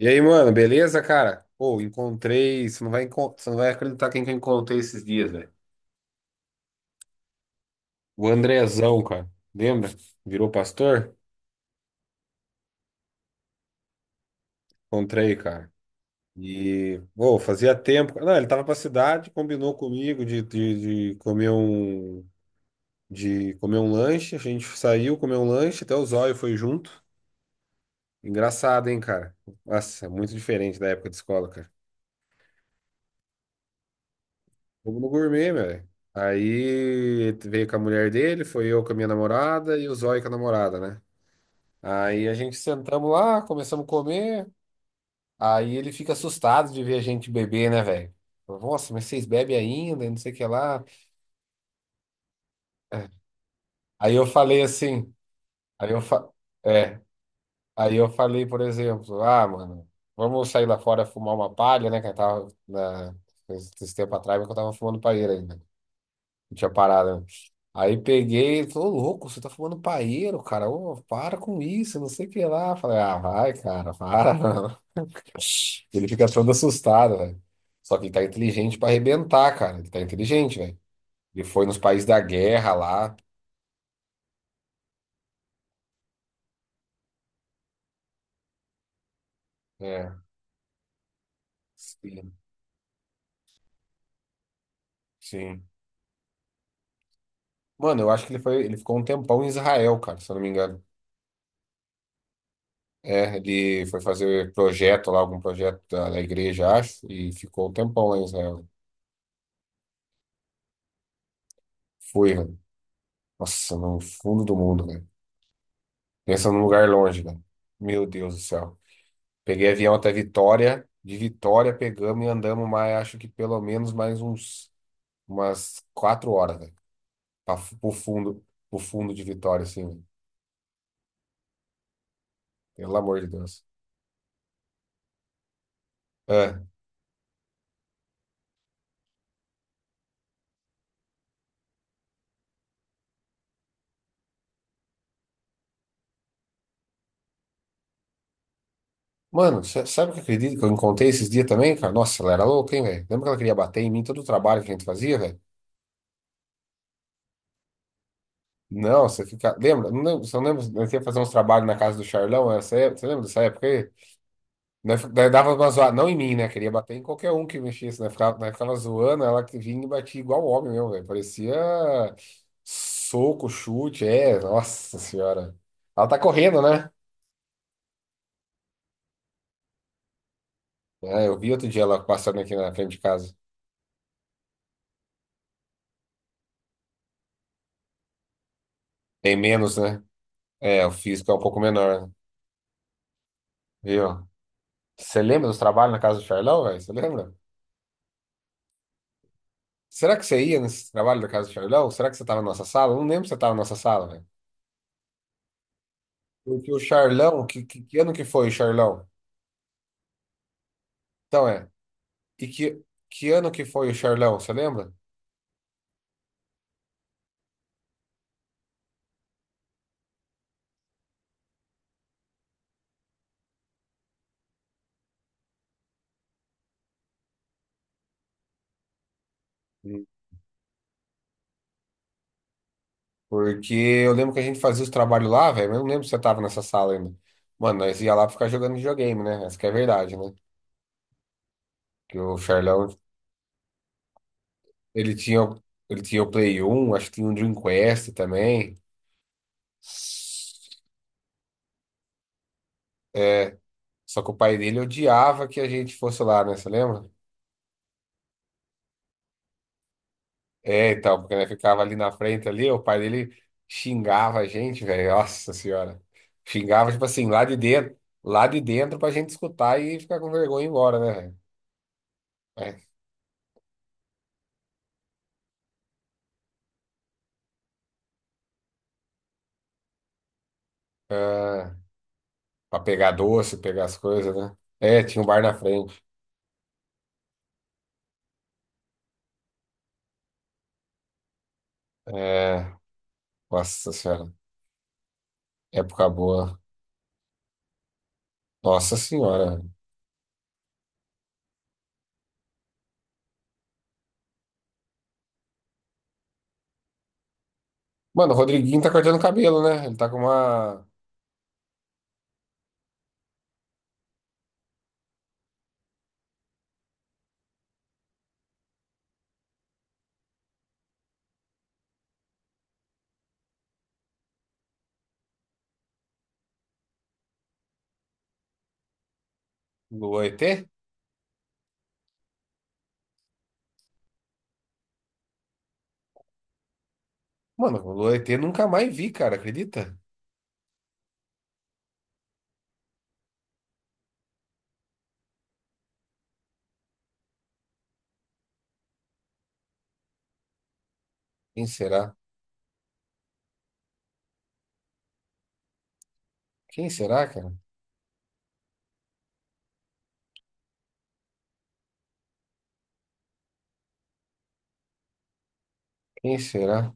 E aí, mano, beleza, cara? Pô, encontrei. Você não vai, você não vai acreditar quem que eu encontrei esses dias, velho. O Andrezão, cara. Lembra? Virou pastor? Encontrei, cara. E, pô, fazia tempo. Não, ele tava pra cidade, combinou comigo de comer um. De comer um lanche. A gente saiu, comeu um lanche, até o Zóio foi junto. Engraçado, hein, cara? Nossa, é muito diferente da época de escola, cara. Fomos no gourmet, velho. Aí veio com a mulher dele, foi eu com a minha namorada e o Zóio com a namorada, né? Aí a gente sentamos lá, começamos a comer. Aí ele fica assustado de ver a gente beber, né, velho? Falou, nossa, mas vocês bebem ainda, e não sei o que lá. É. Aí eu falei assim, aí eu fa... é, aí eu falei, por exemplo, ah, mano, vamos sair lá fora fumar uma palha, né? Que eu tava esse tempo atrás, mas que eu tava fumando palheira ainda. Não tinha parado, né? Aí peguei, ele falou, "Ô, louco, você tá fumando paeiro, cara. Ô, para com isso, não sei o que lá." Falei, ah, vai, cara, para. Não. Ele fica todo assustado, velho. Só que ele tá inteligente pra arrebentar, cara. Ele tá inteligente, velho. Ele foi nos países da guerra lá. É, sim, sim. Mano, eu acho que ele foi, ele ficou um tempão em Israel, cara, se eu não me engano. É, ele foi fazer projeto lá, algum projeto da igreja, acho, e ficou um tempão lá em Israel. Fui, velho. Nossa, no fundo do mundo, velho. Pensa num lugar longe, cara. Meu Deus do céu. Peguei avião até Vitória. De Vitória pegamos e andamos mais, acho que pelo menos mais uns umas 4 horas, velho. Pra fu- Pro fundo, pro fundo de Vitória, assim, velho. Pelo amor de Deus. É. Mano, sabe o que eu acredito que eu encontrei esses dias também, cara? Nossa, ela era louca, hein, velho? Lembra que ela queria bater em mim todo o trabalho que a gente fazia, velho? Não, você fica. Lembra? Não lembro, você não lembra? Nós ia fazer uns trabalhos na casa do Charlão, essa época, você lembra dessa época aí? Nós dava uma zoada, não em mim, né? Queria bater em qualquer um que mexesse, né? Ficava, nós ficava zoando, ela que vinha e batia igual homem mesmo, velho. Parecia soco, chute, é, nossa senhora. Ela tá correndo, né? É, eu vi outro dia ela passando aqui na frente de casa. Tem menos, né? É, o físico é um pouco menor, né? Viu? Você lembra dos trabalhos na casa do Charlão, velho? Você lembra? Será que você ia nesse trabalho da casa do Charlão? Será que você tava na nossa sala? Eu não lembro se você tava na nossa sala, velho. Porque o Charlão, que ano que foi o Charlão? Então é. E que ano que foi o Charlão, você lembra? Sim. Porque eu lembro que a gente fazia os trabalhos lá, velho, mas eu não lembro se você tava nessa sala ainda. Mano, nós ia lá pra ficar jogando videogame, né? Essa que é a verdade, né? Que o Charlão, ele tinha, o- ele tinha o Play 1, acho que tinha o Dream Quest também. É, só que o pai dele odiava que a gente fosse lá, né? Você lembra? É, então, porque ele ficava ali na frente ali, o pai dele xingava a gente, velho. Nossa senhora. Xingava, tipo assim, lá de dentro pra gente escutar e ficar com vergonha e ir embora, né, velho? É, ah, pra pegar doce, pegar as coisas, né? É, tinha um bar na frente. É, nossa senhora. Época boa. Nossa senhora, velho. Mano, o Rodriguinho tá cortando cabelo, né? Ele tá com uma lua ET? Mano, lua ET nunca mais vi, cara, acredita? Quem será? Quem será, cara? Quem será?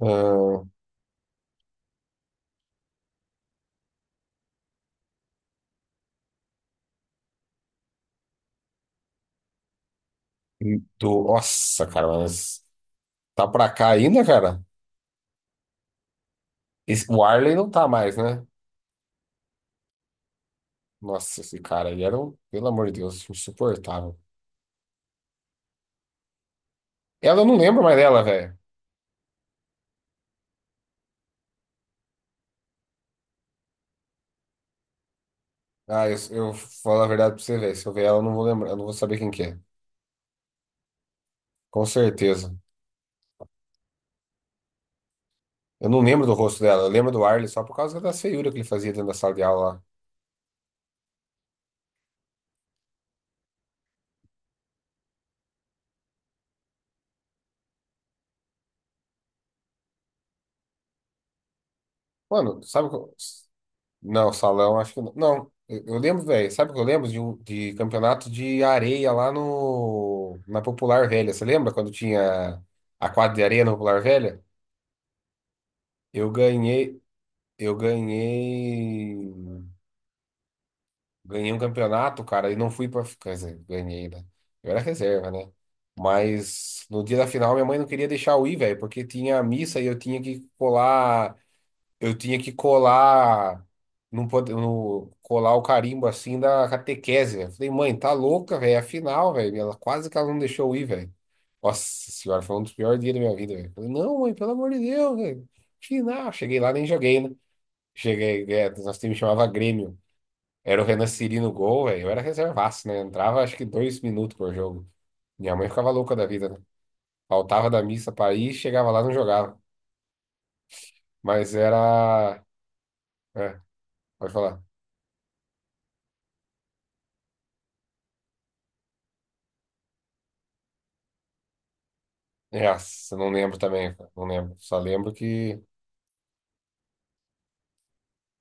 Ah, do... Nossa, cara, mas tá pra cá ainda, cara? O Arley não tá mais, né? Nossa, esse cara, ele era um, pelo amor de Deus, insuportável. Ela eu não lembro mais dela, velho. Ah, eu falo a verdade pra você, velho. Se eu ver ela, eu não vou lembrar, eu não vou saber quem que é. Com certeza. Eu não lembro do rosto dela, eu lembro do Arley só por causa da feiura que ele fazia dentro da sala de aula lá. Mano, sabe o que eu- Não, salão, acho que não. Não, eu lembro, velho. Sabe o que eu lembro? De campeonato de areia lá no, na Popular Velha. Você lembra quando tinha a quadra de areia na Popular Velha? Eu ganhei, eu ganhei, ganhei um campeonato, cara, e não fui pra. Quer dizer, ganhei, né? Eu era reserva, né? Mas no dia da final, minha mãe não queria deixar eu ir, velho, porque tinha missa e eu tinha que colar. eu tinha que colar, não pode, no, colar o carimbo assim da catequese, velho. Falei, mãe, tá louca, velho? Afinal, velho, ela quase que ela não deixou eu ir, velho. Nossa senhora, foi um dos piores dias da minha vida, velho. Falei, não, mãe, pelo amor de Deus, velho. Final, cheguei lá, nem joguei, né? Cheguei, é, nosso time chamava Grêmio. Era o Renan Siri no gol, velho. Eu era reservaço, né? Entrava acho que 2 minutos por jogo. Minha mãe ficava louca da vida, né? Faltava da missa pra ir, chegava lá, não jogava. Mas era. É, pode falar. Nossa, não lembro também, cara, não lembro. Só lembro que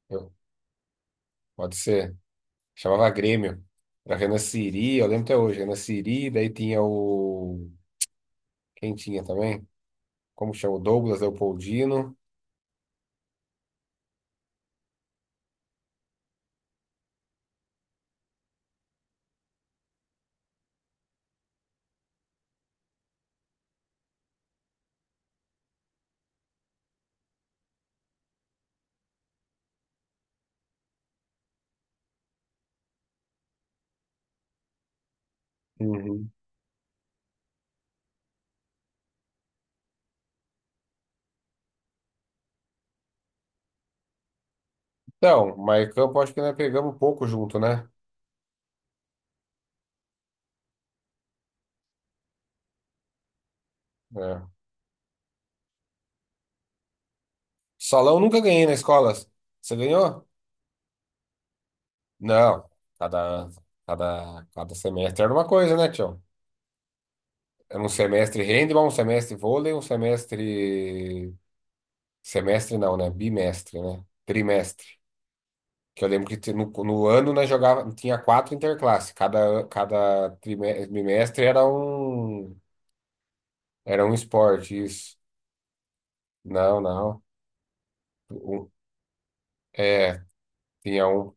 eu- pode ser. Chamava Grêmio. Era Renan Siri, eu lembro até hoje. Renan Siri, daí tinha o. Quem tinha também? Como chama? O Douglas Leopoldino. Uhum. Então, mas campo acho que nós pegamos pouco junto, né? É. Salão nunca ganhei na escola. Você ganhou? Não. Cada, cada semestre era uma coisa, né, tio? Era um semestre handball, um semestre vôlei, um semestre. Semestre não, né? Bimestre, né? Trimestre. Que eu lembro que no, no ano nós jogava, tinha 4 interclasses. Cada, an- cada trime- bimestre era era um esporte, isso. Não, não. Um- É, tinha um.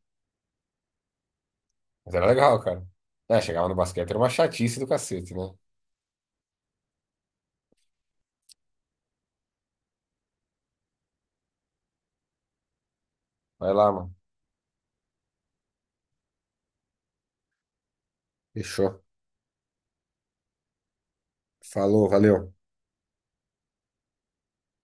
Mas era legal, cara. É, chegava no basquete, era uma chatice do cacete, né? Vai lá, mano. Fechou. Falou, valeu.